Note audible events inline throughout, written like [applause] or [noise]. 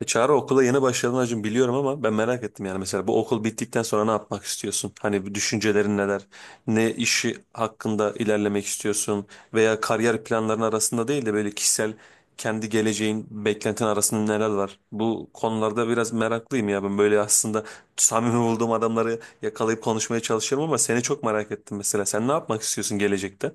E Çağrı okula yeni başladın hacım biliyorum ama ben merak ettim yani mesela bu okul bittikten sonra ne yapmak istiyorsun? Hani bu düşüncelerin neler? Ne işi hakkında ilerlemek istiyorsun? Veya kariyer planların arasında değil de böyle kişisel kendi geleceğin, beklentin arasında neler var? Bu konularda biraz meraklıyım ya ben böyle aslında samimi olduğum adamları yakalayıp konuşmaya çalışıyorum ama seni çok merak ettim mesela. Sen ne yapmak istiyorsun gelecekte?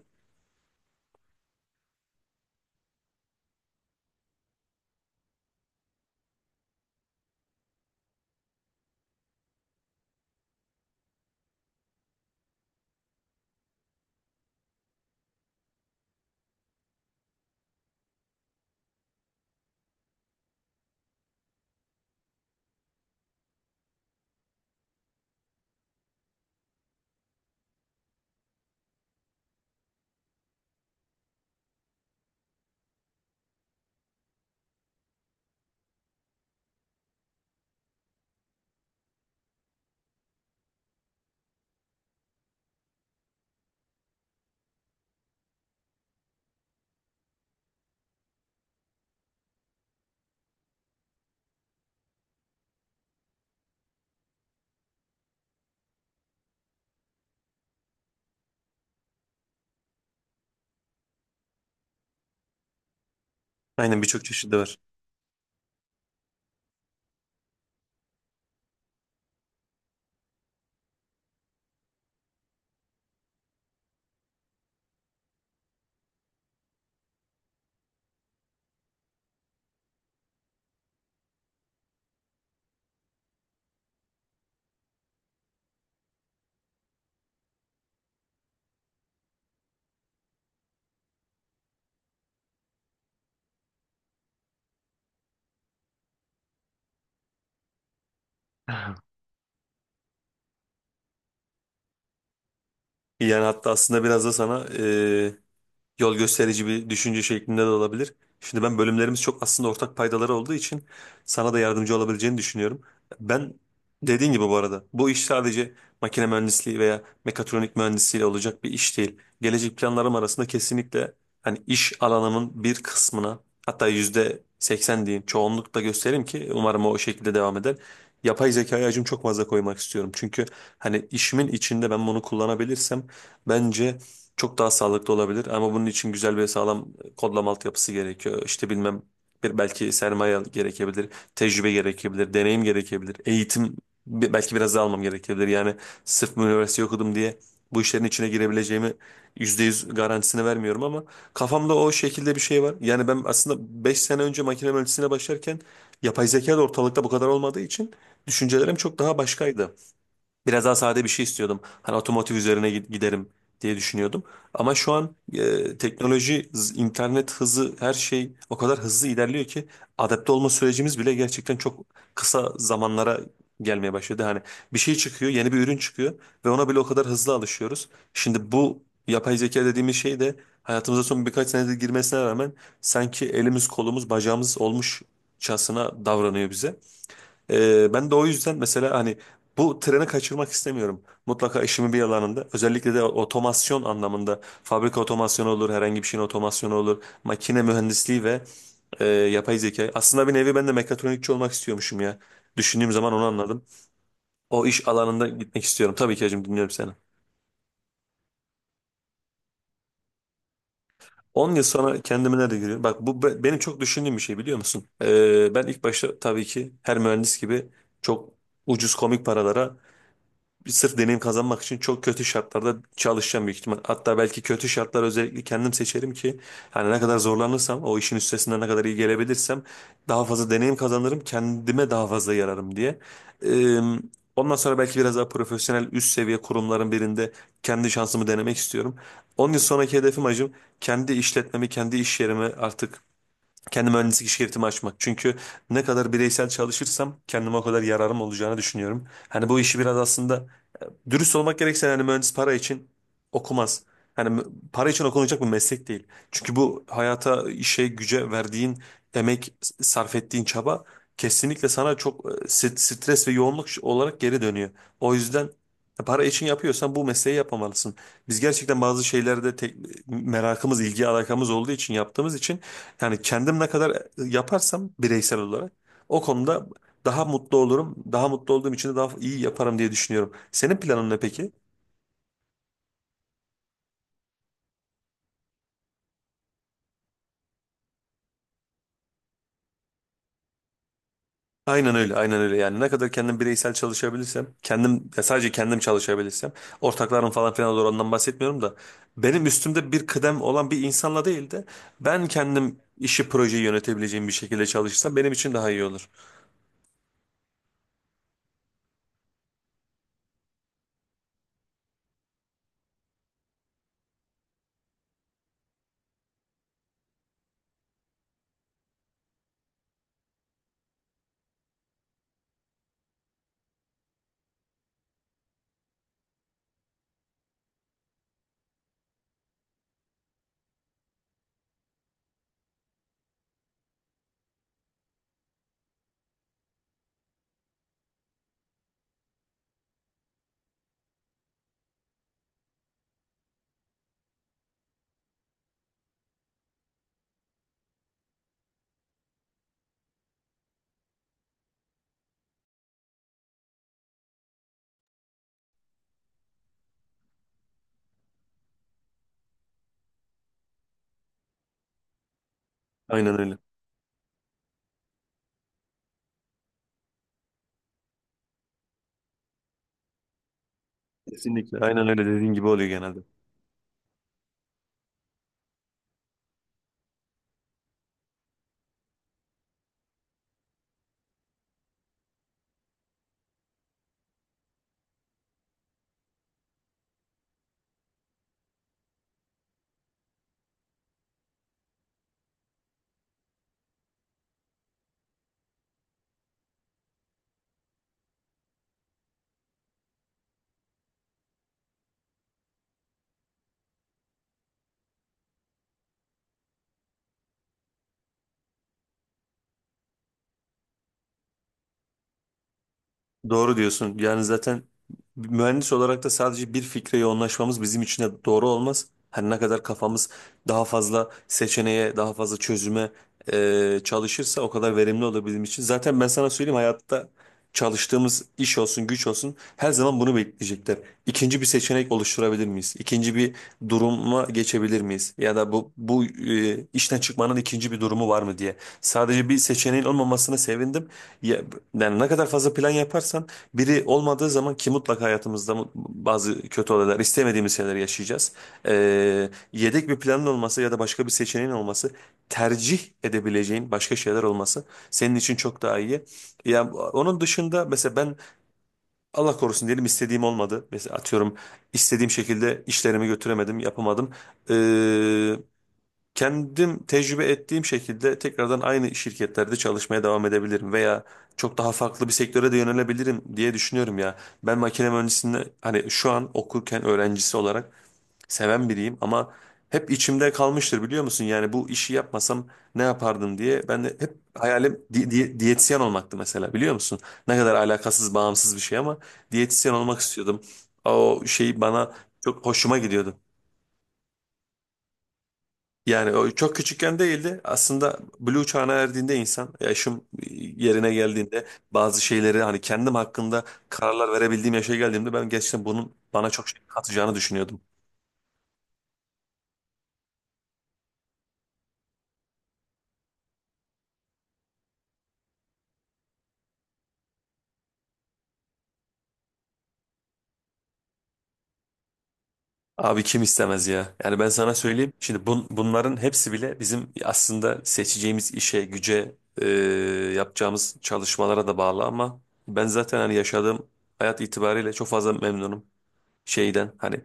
Aynen birçok çeşidi var. [laughs] Yani hatta aslında biraz da sana yol gösterici bir düşünce şeklinde de olabilir. Şimdi ben bölümlerimiz çok aslında ortak paydaları olduğu için sana da yardımcı olabileceğini düşünüyorum. Ben dediğin gibi bu arada bu iş sadece makine mühendisliği veya mekatronik mühendisliğiyle olacak bir iş değil. Gelecek planlarım arasında kesinlikle hani iş alanımın bir kısmına hatta yüzde 80 diyeyim çoğunlukla göstereyim ki umarım o şekilde devam eder. Yapay zekaya acım çok fazla koymak istiyorum. Çünkü hani işimin içinde ben bunu kullanabilirsem bence çok daha sağlıklı olabilir. Ama bunun için güzel ve sağlam kodlama altyapısı gerekiyor. İşte bilmem bir belki sermaye gerekebilir, tecrübe gerekebilir, deneyim gerekebilir, eğitim belki biraz daha almam gerekebilir. Yani sırf üniversite okudum diye bu işlerin içine girebileceğimi %100 garantisini vermiyorum ama kafamda o şekilde bir şey var. Yani ben aslında 5 sene önce makine mühendisliğine başlarken yapay zeka da ortalıkta bu kadar olmadığı için düşüncelerim çok daha başkaydı. Biraz daha sade bir şey istiyordum. Hani otomotiv üzerine giderim diye düşünüyordum. Ama şu an teknoloji, internet hızı, her şey o kadar hızlı ilerliyor ki adapte olma sürecimiz bile gerçekten çok kısa zamanlara gelmeye başladı. Hani bir şey çıkıyor, yeni bir ürün çıkıyor ve ona bile o kadar hızlı alışıyoruz. Şimdi bu yapay zeka dediğimiz şey de hayatımıza son birkaç senedir girmesine rağmen sanki elimiz, kolumuz, bacağımız olmuşçasına davranıyor bize. Ben de o yüzden mesela hani bu treni kaçırmak istemiyorum. Mutlaka işimin bir alanında özellikle de otomasyon anlamında fabrika otomasyonu olur, herhangi bir şeyin otomasyonu olur, makine mühendisliği ve yapay zeka. Aslında bir nevi ben de mekatronikçi olmak istiyormuşum ya. Düşündüğüm zaman onu anladım. O iş alanında gitmek istiyorum. Tabii ki hacım dinliyorum seni. 10 yıl sonra kendimi nerede görüyorum? Bak bu benim çok düşündüğüm bir şey biliyor musun? Ben ilk başta tabii ki her mühendis gibi çok ucuz komik paralara sırf deneyim kazanmak için çok kötü şartlarda çalışacağım büyük ihtimal. Hatta belki kötü şartlar özellikle kendim seçerim ki yani ne kadar zorlanırsam o işin üstesinden ne kadar iyi gelebilirsem daha fazla deneyim kazanırım kendime daha fazla yararım diye. Ee, ondan sonra belki biraz daha profesyonel üst seviye kurumların birinde kendi şansımı denemek istiyorum. 10 yıl sonraki hedefim acım kendi işletmemi kendi iş yerimi artık kendi mühendislik şirketimi açmak. Çünkü ne kadar bireysel çalışırsam kendime o kadar yararım olacağını düşünüyorum. Hani bu işi biraz aslında dürüst olmak gerekirse hani mühendis para için okumaz. Hani para için okunacak bir meslek değil. Çünkü bu hayata, işe, güce verdiğin emek, sarf ettiğin çaba kesinlikle sana çok stres ve yoğunluk olarak geri dönüyor. O yüzden para için yapıyorsan bu mesleği yapmamalısın. Biz gerçekten bazı şeylerde tek, merakımız, ilgi alakamız olduğu için yaptığımız için yani kendim ne kadar yaparsam bireysel olarak o konuda daha mutlu olurum. Daha mutlu olduğum için de daha iyi yaparım diye düşünüyorum. Senin planın ne peki? Aynen öyle, aynen öyle. Yani ne kadar kendim bireysel çalışabilirsem, kendim ya sadece kendim çalışabilirsem, ortaklarım falan filan olur ondan bahsetmiyorum da benim üstümde bir kıdem olan bir insanla değil de ben kendim işi projeyi yönetebileceğim bir şekilde çalışırsam benim için daha iyi olur. Aynen öyle. Kesinlikle. Aynen öyle dediğin gibi oluyor genelde. Doğru diyorsun. Yani zaten mühendis olarak da sadece bir fikre yoğunlaşmamız bizim için de doğru olmaz. Her ne kadar kafamız daha fazla seçeneğe, daha fazla çözüme çalışırsa o kadar verimli olur bizim için. Zaten ben sana söyleyeyim hayatta çalıştığımız iş olsun, güç olsun her zaman bunu bekleyecekler. İkinci bir seçenek oluşturabilir miyiz? İkinci bir duruma geçebilir miyiz? Ya da bu işten çıkmanın ikinci bir durumu var mı diye. Sadece bir seçeneğin olmamasına sevindim. Ya, yani ne kadar fazla plan yaparsan biri olmadığı zaman ki mutlaka hayatımızda bazı kötü olaylar istemediğimiz şeyler yaşayacağız. Yedek bir planın olması ya da başka bir seçeneğin olması tercih edebileceğin başka şeyler olması senin için çok daha iyi. Ya onun dışında mesela ben Allah korusun diyelim istediğim olmadı. Mesela atıyorum istediğim şekilde işlerimi götüremedim yapamadım. Ee, kendim tecrübe ettiğim şekilde tekrardan aynı şirketlerde çalışmaya devam edebilirim veya çok daha farklı bir sektöre de yönelebilirim diye düşünüyorum ya. Ben makine mühendisliğini hani şu an okurken öğrencisi olarak seven biriyim ama hep içimde kalmıştır biliyor musun? Yani bu işi yapmasam ne yapardım diye ben de hep hayalim diyetisyen olmaktı mesela biliyor musun? Ne kadar alakasız bağımsız bir şey ama diyetisyen olmak istiyordum. O şey bana çok hoşuma gidiyordu. Yani o çok küçükken değildi. Aslında Blue çağına erdiğinde insan, yaşım yerine geldiğinde bazı şeyleri hani kendim hakkında kararlar verebildiğim yaşa geldiğimde ben gerçekten bunun bana çok şey katacağını düşünüyordum. Abi kim istemez ya? Yani ben sana söyleyeyim. Şimdi bunların hepsi bile bizim aslında seçeceğimiz işe, güce, yapacağımız çalışmalara da bağlı ama ben zaten hani yaşadığım hayat itibariyle çok fazla memnunum. Şeyden hani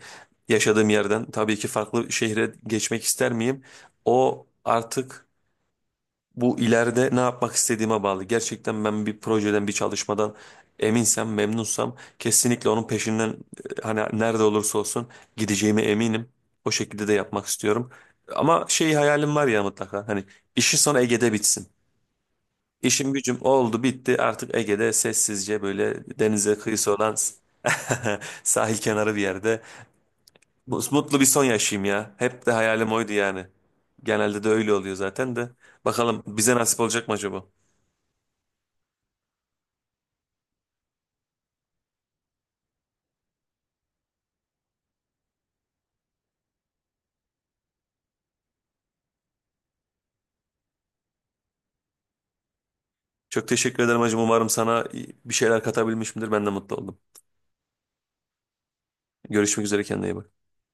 yaşadığım yerden tabii ki farklı şehre geçmek ister miyim? O artık bu ileride ne yapmak istediğime bağlı. Gerçekten ben bir projeden, bir çalışmadan eminsem, memnunsam kesinlikle onun peşinden hani nerede olursa olsun gideceğime eminim. O şekilde de yapmak istiyorum. Ama şey hayalim var ya mutlaka hani işi sonra Ege'de bitsin. İşim gücüm oldu bitti artık Ege'de sessizce böyle denize kıyısı olan [laughs] sahil kenarı bir yerde mutlu bir son yaşayayım ya. Hep de hayalim oydu yani. Genelde de öyle oluyor zaten de. Bakalım bize nasip olacak mı acaba? Çok teşekkür ederim hacım. Umarım sana bir şeyler katabilmişimdir. Ben de mutlu oldum. Görüşmek üzere kendine iyi bak.